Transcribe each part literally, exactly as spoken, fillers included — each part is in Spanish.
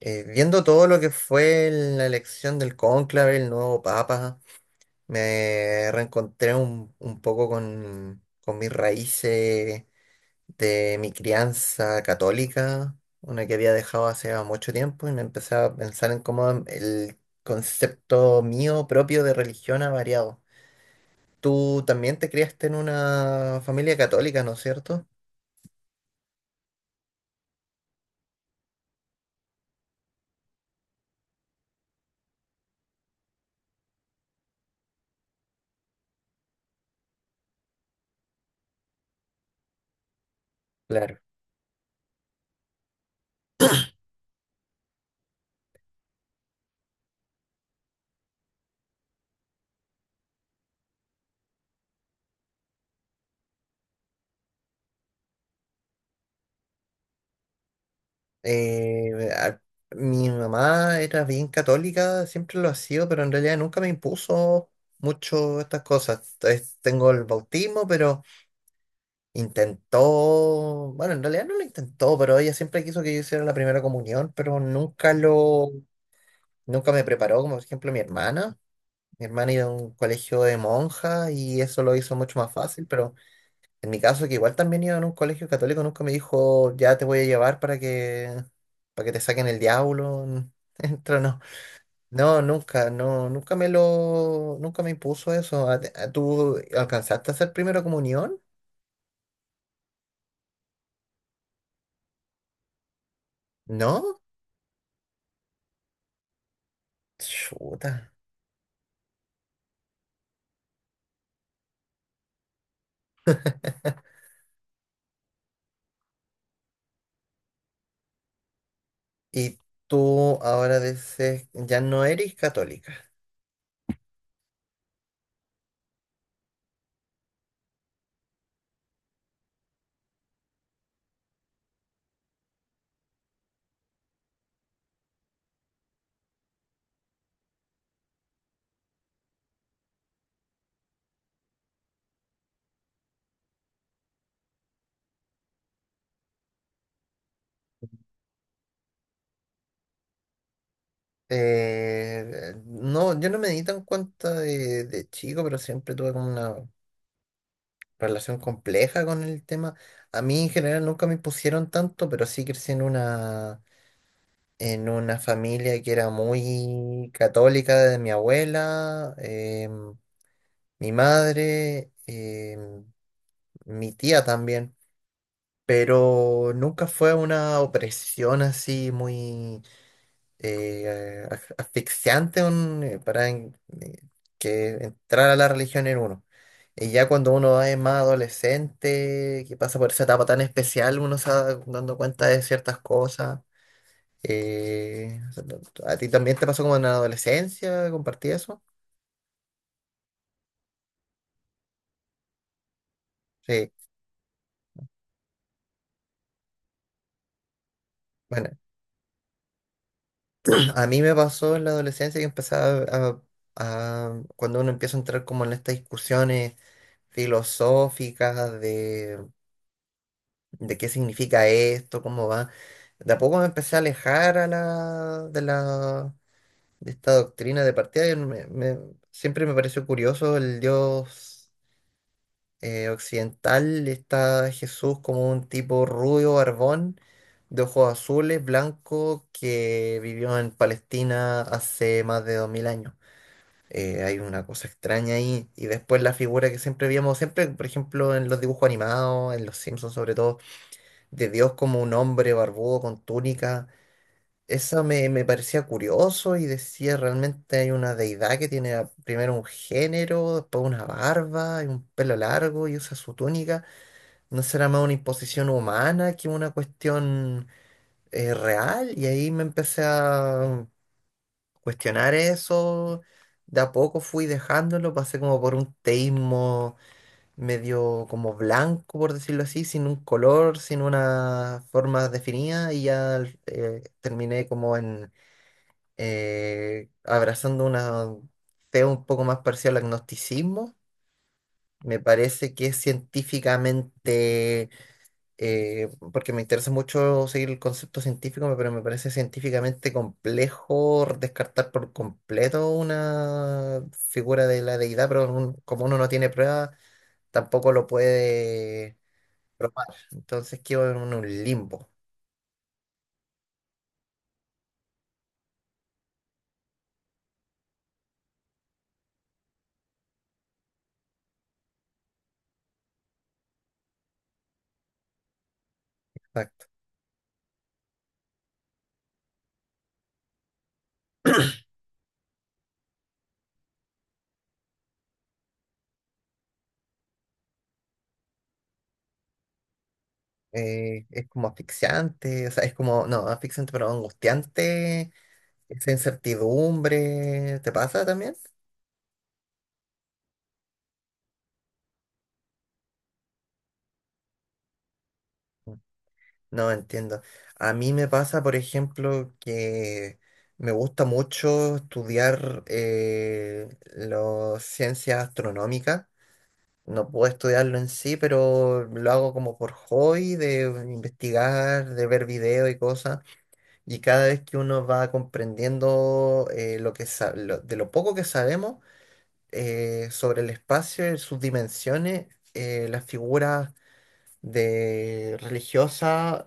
eh, Viendo todo lo que fue la elección del cónclave, el nuevo papa, me reencontré un, un poco con, con mis raíces de mi crianza católica, una que había dejado hace mucho tiempo, y me empecé a pensar en cómo el concepto mío propio de religión ha variado. Tú también te criaste en una familia católica, ¿no es cierto? Claro. Eh, a- Mi mamá era bien católica, siempre lo ha sido, pero en realidad nunca me impuso mucho estas cosas. Es- tengo el bautismo, pero intentó, bueno, en realidad no lo intentó, pero ella siempre quiso que yo hiciera la primera comunión, pero nunca lo, nunca me preparó, como por ejemplo mi hermana. Mi hermana iba a un colegio de monjas y eso lo hizo mucho más fácil, pero en mi caso, que igual también iba en un colegio católico, nunca me dijo, ya te voy a llevar para que, para que te saquen el diablo. Entra, no. No, nunca, no, nunca me lo, nunca me impuso eso. ¿A- a- ¿Tú alcanzaste a hacer primera comunión? ¿No? Chuta. Y tú ahora dices, ya no eres católica. Eh, no, yo no me di tan cuenta de, de chico, pero siempre tuve como una relación compleja con el tema. A mí en general nunca me impusieron tanto, pero sí crecí en una, en una familia que era muy católica de mi abuela, em, mi madre, em, mi tía también, pero nunca fue una opresión así muy... eh, as- asfixiante un- eh, para en- eh, que entrar a la religión en uno. Y ya cuando uno es más adolescente, que pasa por esa etapa tan especial, uno se va dando cuenta de ciertas cosas. Eh, ¿A ti también te pasó como en la adolescencia? ¿Compartí eso? Sí. Bueno, a mí me pasó en la adolescencia que empezaba a, a- cuando uno empieza a entrar como en estas discusiones filosóficas de qué significa esto, cómo va. De a poco me empecé a alejar a la, de la, de esta doctrina de partida. y me- me- siempre me pareció curioso el dios eh, occidental, está Jesús como un tipo rubio, barbón, de ojos azules, blanco, que vivió en Palestina hace más de dos mil años. Eh, hay una cosa extraña ahí. Y después la figura que siempre veíamos, siempre, por ejemplo, en los dibujos animados, en los Simpsons sobre todo de Dios como un hombre barbudo con túnica. Esa me, me parecía curioso y decía, realmente hay una deidad que tiene a- primero un género, después una barba y un pelo largo y usa su túnica. ¿No será más una imposición humana que una cuestión eh, real? Y ahí me empecé a cuestionar eso. De a poco fui dejándolo, pasé como por un teísmo medio como blanco, por decirlo así, sin un color, sin una forma definida, y ya eh, terminé como en eh, abrazando una fe un poco más parcial al agnosticismo. Me parece que es científicamente, eh, porque me interesa mucho seguir el concepto científico, pero me parece científicamente complejo descartar por completo una figura de la deidad, pero un- como uno no tiene pruebas, tampoco lo puede probar. Entonces quedo en un limbo. Exacto. Eh, es como asfixiante, o sea, es como, no, asfixiante, pero angustiante, esa incertidumbre, ¿te pasa también? No entiendo. A mí me pasa, por ejemplo, que me gusta mucho estudiar eh, las ciencias astronómicas. No puedo estudiarlo en sí, pero lo hago como por hobby, de investigar, de ver videos y cosas. Y cada vez que uno va comprendiendo eh, lo que sa- lo- de lo poco que sabemos eh, sobre el espacio, y sus dimensiones, eh, las figuras de religiosas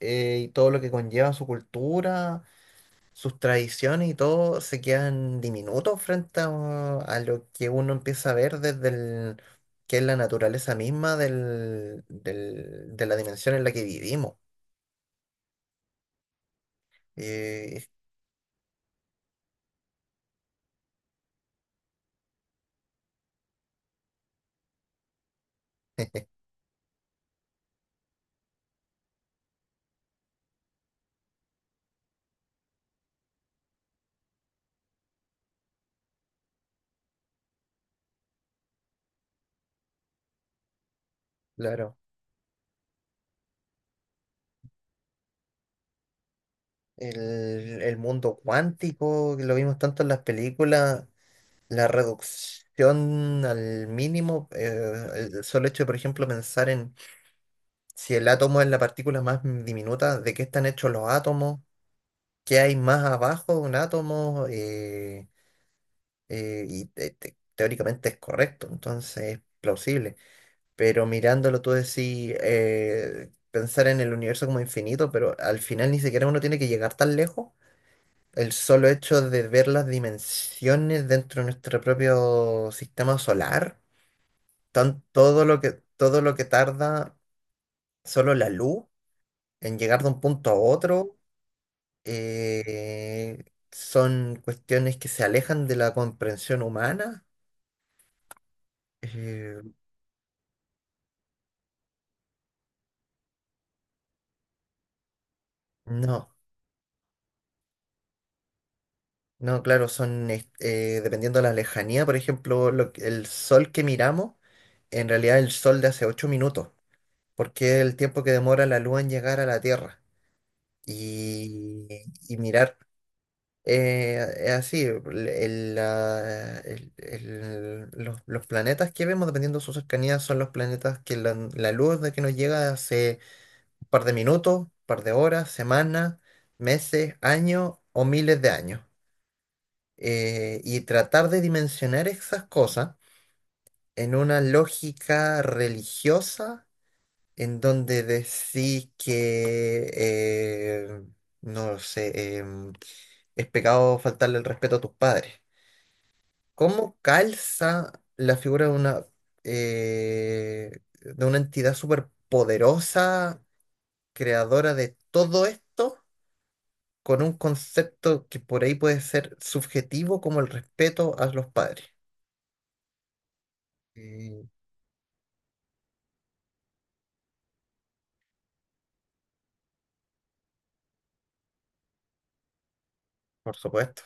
eh, y todo lo que conlleva su cultura, sus tradiciones y todo, se quedan diminutos frente a, a lo que uno empieza a ver desde el, que es la naturaleza misma del, del- de la dimensión en la que vivimos. Eh, claro. El, el mundo cuántico, que lo vimos tanto en las películas, la reducción al mínimo, eh, el solo hecho de, por ejemplo, pensar en si el átomo es la partícula más diminuta, de qué están hechos los átomos, qué hay más abajo de un átomo, eh, eh, y te- te- teóricamente es correcto, entonces es plausible. Pero mirándolo tú decís, eh, pensar en el universo como infinito, pero al final ni siquiera uno tiene que llegar tan lejos. El solo hecho de ver las dimensiones dentro de nuestro propio sistema solar, tan- todo lo que, todo lo que tarda solo la luz en llegar de un punto a otro, eh, son cuestiones que se alejan de la comprensión humana. Eh, no, no, claro, son, es- eh, dependiendo de la lejanía, por ejemplo, lo que- el sol que miramos, en realidad el sol de hace ocho minutos, porque es el tiempo que demora la luz en llegar a la Tierra. Y, y mirar. Eh, es así, el- el, la- el- el- los, los planetas que vemos, dependiendo de su cercanía, son los planetas que la, la luz de que nos llega hace un par de minutos, un par de horas, semanas, meses, años o miles de años. Eh, y tratar de dimensionar esas cosas en una lógica religiosa en donde decís que, eh, no lo sé, em, es pecado faltarle el respeto a tus padres. ¿Cómo calza la figura de una, eh, de una entidad superpoderosa, creadora de todo esto, con un concepto que por ahí puede ser subjetivo como el respeto a los padres? Y, por supuesto.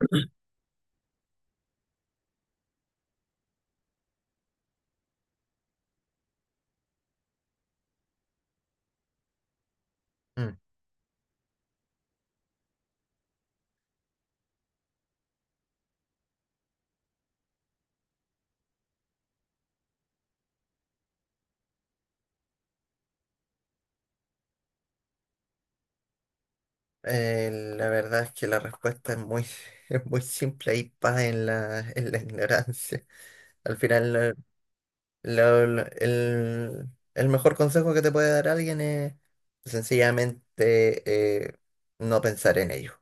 Mm. Eh, la verdad es que la respuesta es muy, es muy simple y paz en la, en la ignorancia. Al final, Lo- lo- el, el mejor consejo que te puede dar alguien es sencillamente eh, no pensar en ello.